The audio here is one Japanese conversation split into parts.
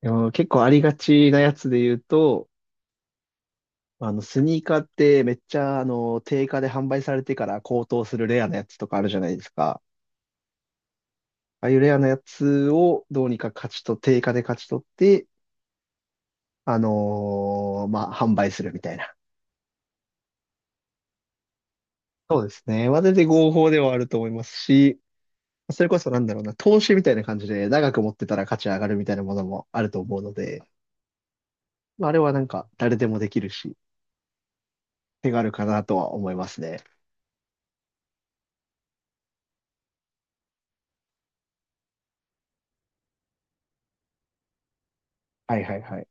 でも結構ありがちなやつで言うと、スニーカーってめっちゃ、定価で販売されてから高騰するレアなやつとかあるじゃないですか。ああいうレアなやつをどうにか価値と、定価で勝ち取って、まあ、販売するみたいな。そうですね。まあ、全然合法ではあると思いますし、それこそなんだろうな、投資みたいな感じで長く持ってたら価値上がるみたいなものもあると思うので、まあ、あれはなんか誰でもできるし、手軽かなとは思いますね。はいはいはい。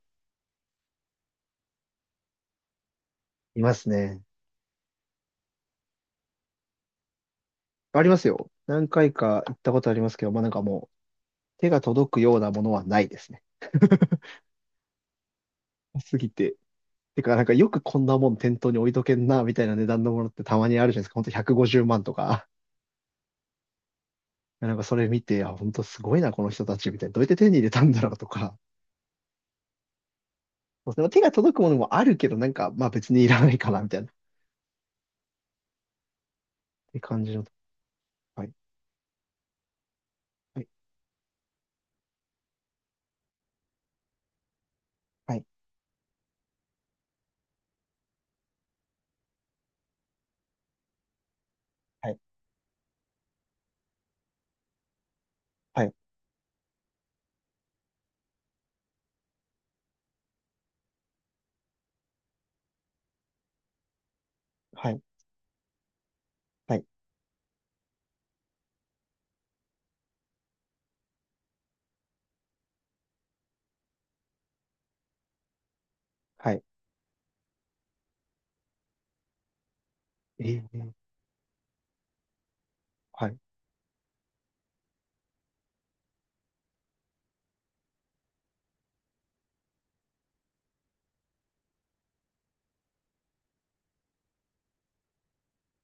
いますね。ありますよ。何回か行ったことありますけど、まあなんかもう手が届くようなものはないですね。すぎて。てか、なんかよくこんなもん店頭に置いとけんな、みたいな値段のものってたまにあるじゃないですか。ほんと150万とか。なんかそれ見て、あ、ほんとすごいな、この人たち、みたいな。どうやって手に入れたんだろうとか。そうですね、手が届くものもあるけど、なんか、まあ別にいらないかな、みたいな。って感じの。はい。はい。はい。はい。はい。はい。はい。はい。えー、はい。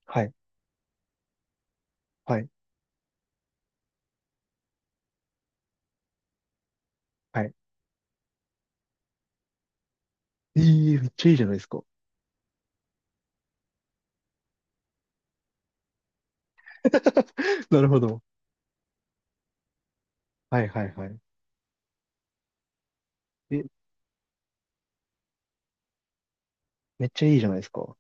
はい。はい。はい。えー、めっちゃいいじゃないですか。なるほど。はいはいはい。え、めっちゃいいじゃないですか。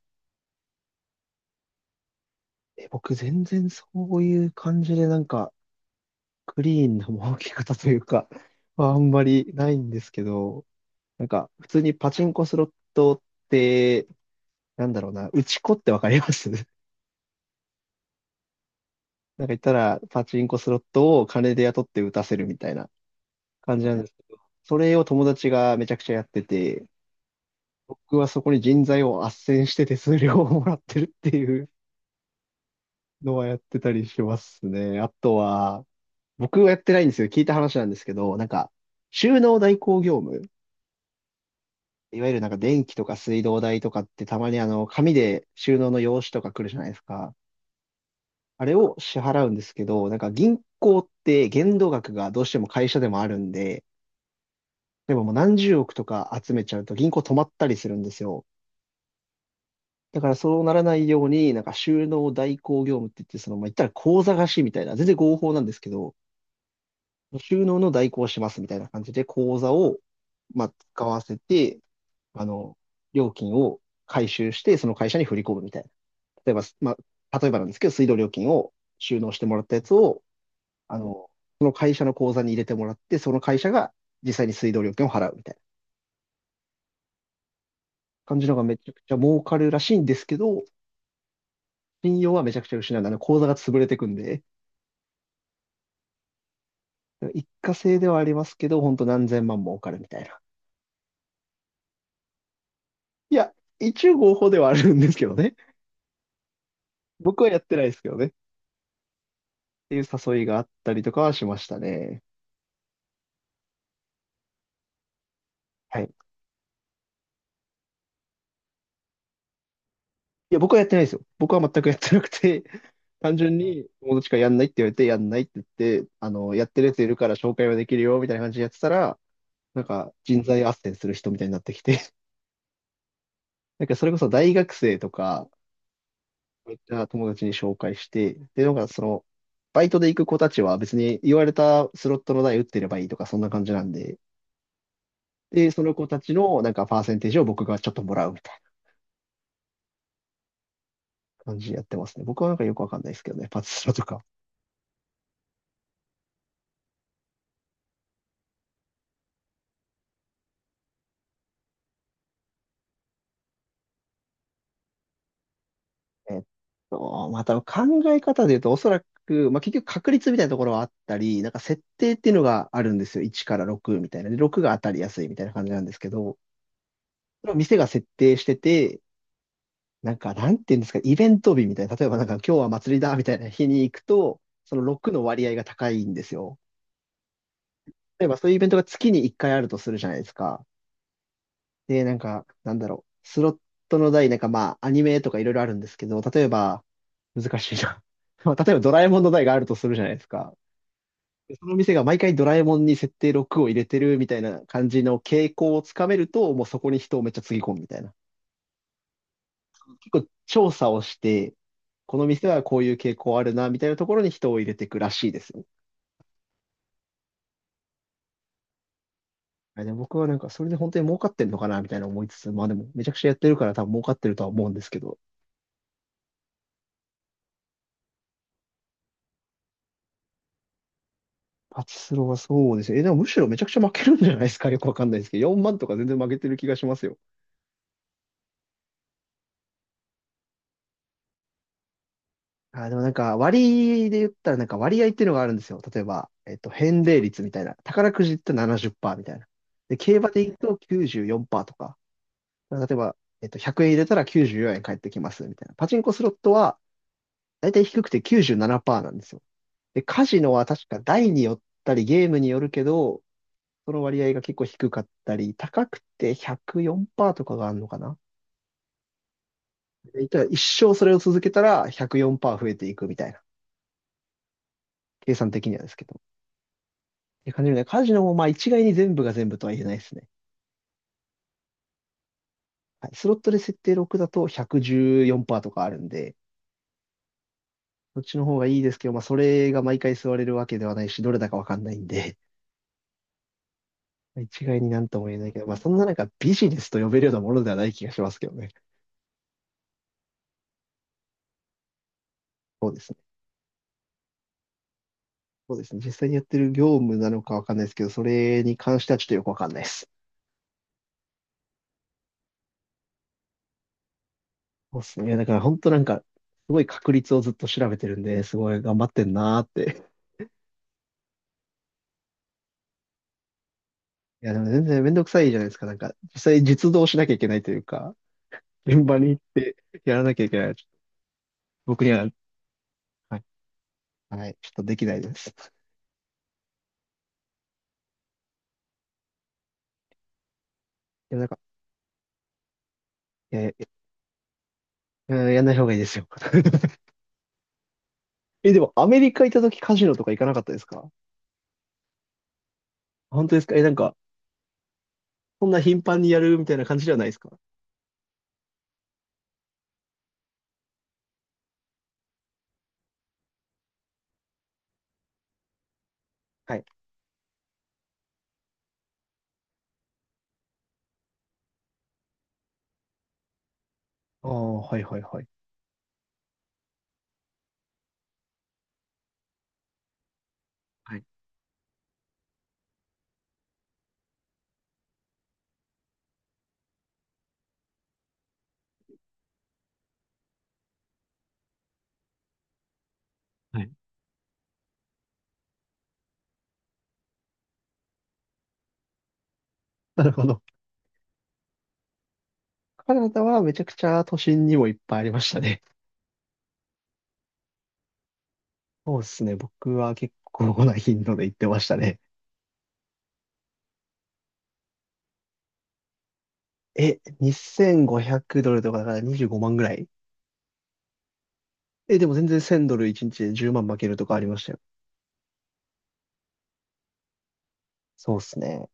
え、僕全然そういう感じでなんかクリーンな儲け方というか はあんまりないんですけど、なんか普通にパチンコスロットって、なんだろうな、打ち子ってわかります？ なんか言ったらパチンコスロットを金で雇って打たせるみたいな感じなんですけど、それを友達がめちゃくちゃやってて、僕はそこに人材を斡旋して手数料をもらってるっていうのはやってたりしますね。あとは、僕はやってないんですよ。聞いた話なんですけど、なんか、収納代行業務、いわゆるなんか電気とか水道代とかってたまに紙で収納の用紙とか来るじゃないですか。あれを支払うんですけど、なんか銀行って限度額がどうしても会社でもあるんで、例えばもう何十億とか集めちゃうと銀行止まったりするんですよ。だからそうならないように、なんか収納代行業務って言って、その、まあ、言ったら口座貸しみたいな、全然合法なんですけど、収納の代行をしますみたいな感じで口座を、まあ、使わせて、あの、料金を回収して、その会社に振り込むみたいな。例えば、まあ、例えばなんですけど、水道料金を収納してもらったやつを、あの、その会社の口座に入れてもらって、その会社が実際に水道料金を払うみたいな感じのがめちゃくちゃ儲かるらしいんですけど、信用はめちゃくちゃ失う。口座が潰れてくんで、一過性ではありますけど、本当何千万儲かるみたいな。いや、一応合法ではあるんですけどね。僕はやってないですけどね。っていう誘いがあったりとかはしましたね。はい。いや、僕はやってないですよ。僕は全くやってなくて、単純に友達からやんないって言われて、やんないって言って、やってるやついるから紹介はできるよ、みたいな感じでやってたら、なんか人材斡旋する人みたいになってきて、なんかそれこそ大学生とか、そういった友達に紹介して、で、なんかその、バイトで行く子たちは別に言われたスロットの台打ってればいいとか、そんな感じなんで、で、その子たちのなんかパーセンテージを僕がちょっともらうみたいな感じでやってますね。僕はなんかよくわかんないですけどね、パチスロとか。えっまた考え方で言うと、おそらく、まあ、結局確率みたいなところはあったり、なんか設定っていうのがあるんですよ。1から6みたいな。で、6が当たりやすいみたいな感じなんですけど、それを店が設定してて、なんか、なんていうんですか、イベント日みたいな。例えばなんか、今日は祭りだみたいな日に行くと、その6の割合が高いんですよ。例えばそういうイベントが月に1回あるとするじゃないですか。で、なんか、なんだろう。スロットの台、なんかまあ、アニメとかいろいろあるんですけど、例えば、難しいな。まあ、例えばドラえもんの台があるとするじゃないですか。でその店が毎回ドラえもんに設定6を入れてるみたいな感じの傾向をつかめると、もうそこに人をめっちゃつぎ込むみたいな。結構調査をして、この店はこういう傾向あるな、みたいなところに人を入れていくらしいですよ。あでも僕はなんかそれで本当に儲かってんのかな、みたいな思いつつ、まあでもめちゃくちゃやってるから多分儲かってるとは思うんですけど。パチスロはそうですね。え、でもむしろめちゃくちゃ負けるんじゃないですか。よくわかんないですけど、4万とか全然負けてる気がしますよ。あー、でもなんか割で言ったらなんか割合っていうのがあるんですよ。例えば、返礼率みたいな。宝くじって70%みたいな。で、競馬で言うと94%とか。例えば、100円入れたら94円返ってきますみたいな。パチンコスロットは大体低くて97%ななパーセントなんですよ。で、カジノは確か台によったりゲームによるけど、その割合が結構低かったり、高くて104%とかがあるのかな。いたら一生それを続けたら104%増えていくみたいな、計算的にはですけど。っていう感じでね、カジノもまあ一概に全部が全部とは言えないですね。はい、スロットで設定6だと114%とかあるんで、そっちの方がいいですけど、まあそれが毎回座れるわけではないし、どれだかわかんないんで、一概になんとも言えないけど、まあそんな中ビジネスと呼べるようなものではない気がしますけどね。そうですね。そうですね。実際にやってる業務なのかわかんないですけど、それに関してはちょっとよくわかんないです。そうっすね。いやだから本当なんか、すごい確率をずっと調べてるんで、すごい頑張ってんなーって。いや、でも全然めんどくさいじゃないですか。なんか、実際実動しなきゃいけないというか、現場に やらなきゃいけない。僕には、はい、はい、ちょっとできないです。いやなんか、いや、やんない方がいいですよ。え、でもアメリカ行った時カジノとか行かなかったですか？本当ですか？え、なんか、そんな頻繁にやるみたいな感じではないですか？はい。ああ、はいはいはい。はい。はい。なるほど。カナダはめちゃくちゃ都心にもいっぱいありましたね。そうですね。僕は結構な頻度で行ってましたね。え、2500ドルとかだから25万ぐらい。え、でも全然1000ドル1日で10万負けるとかありましたよ。そうですね。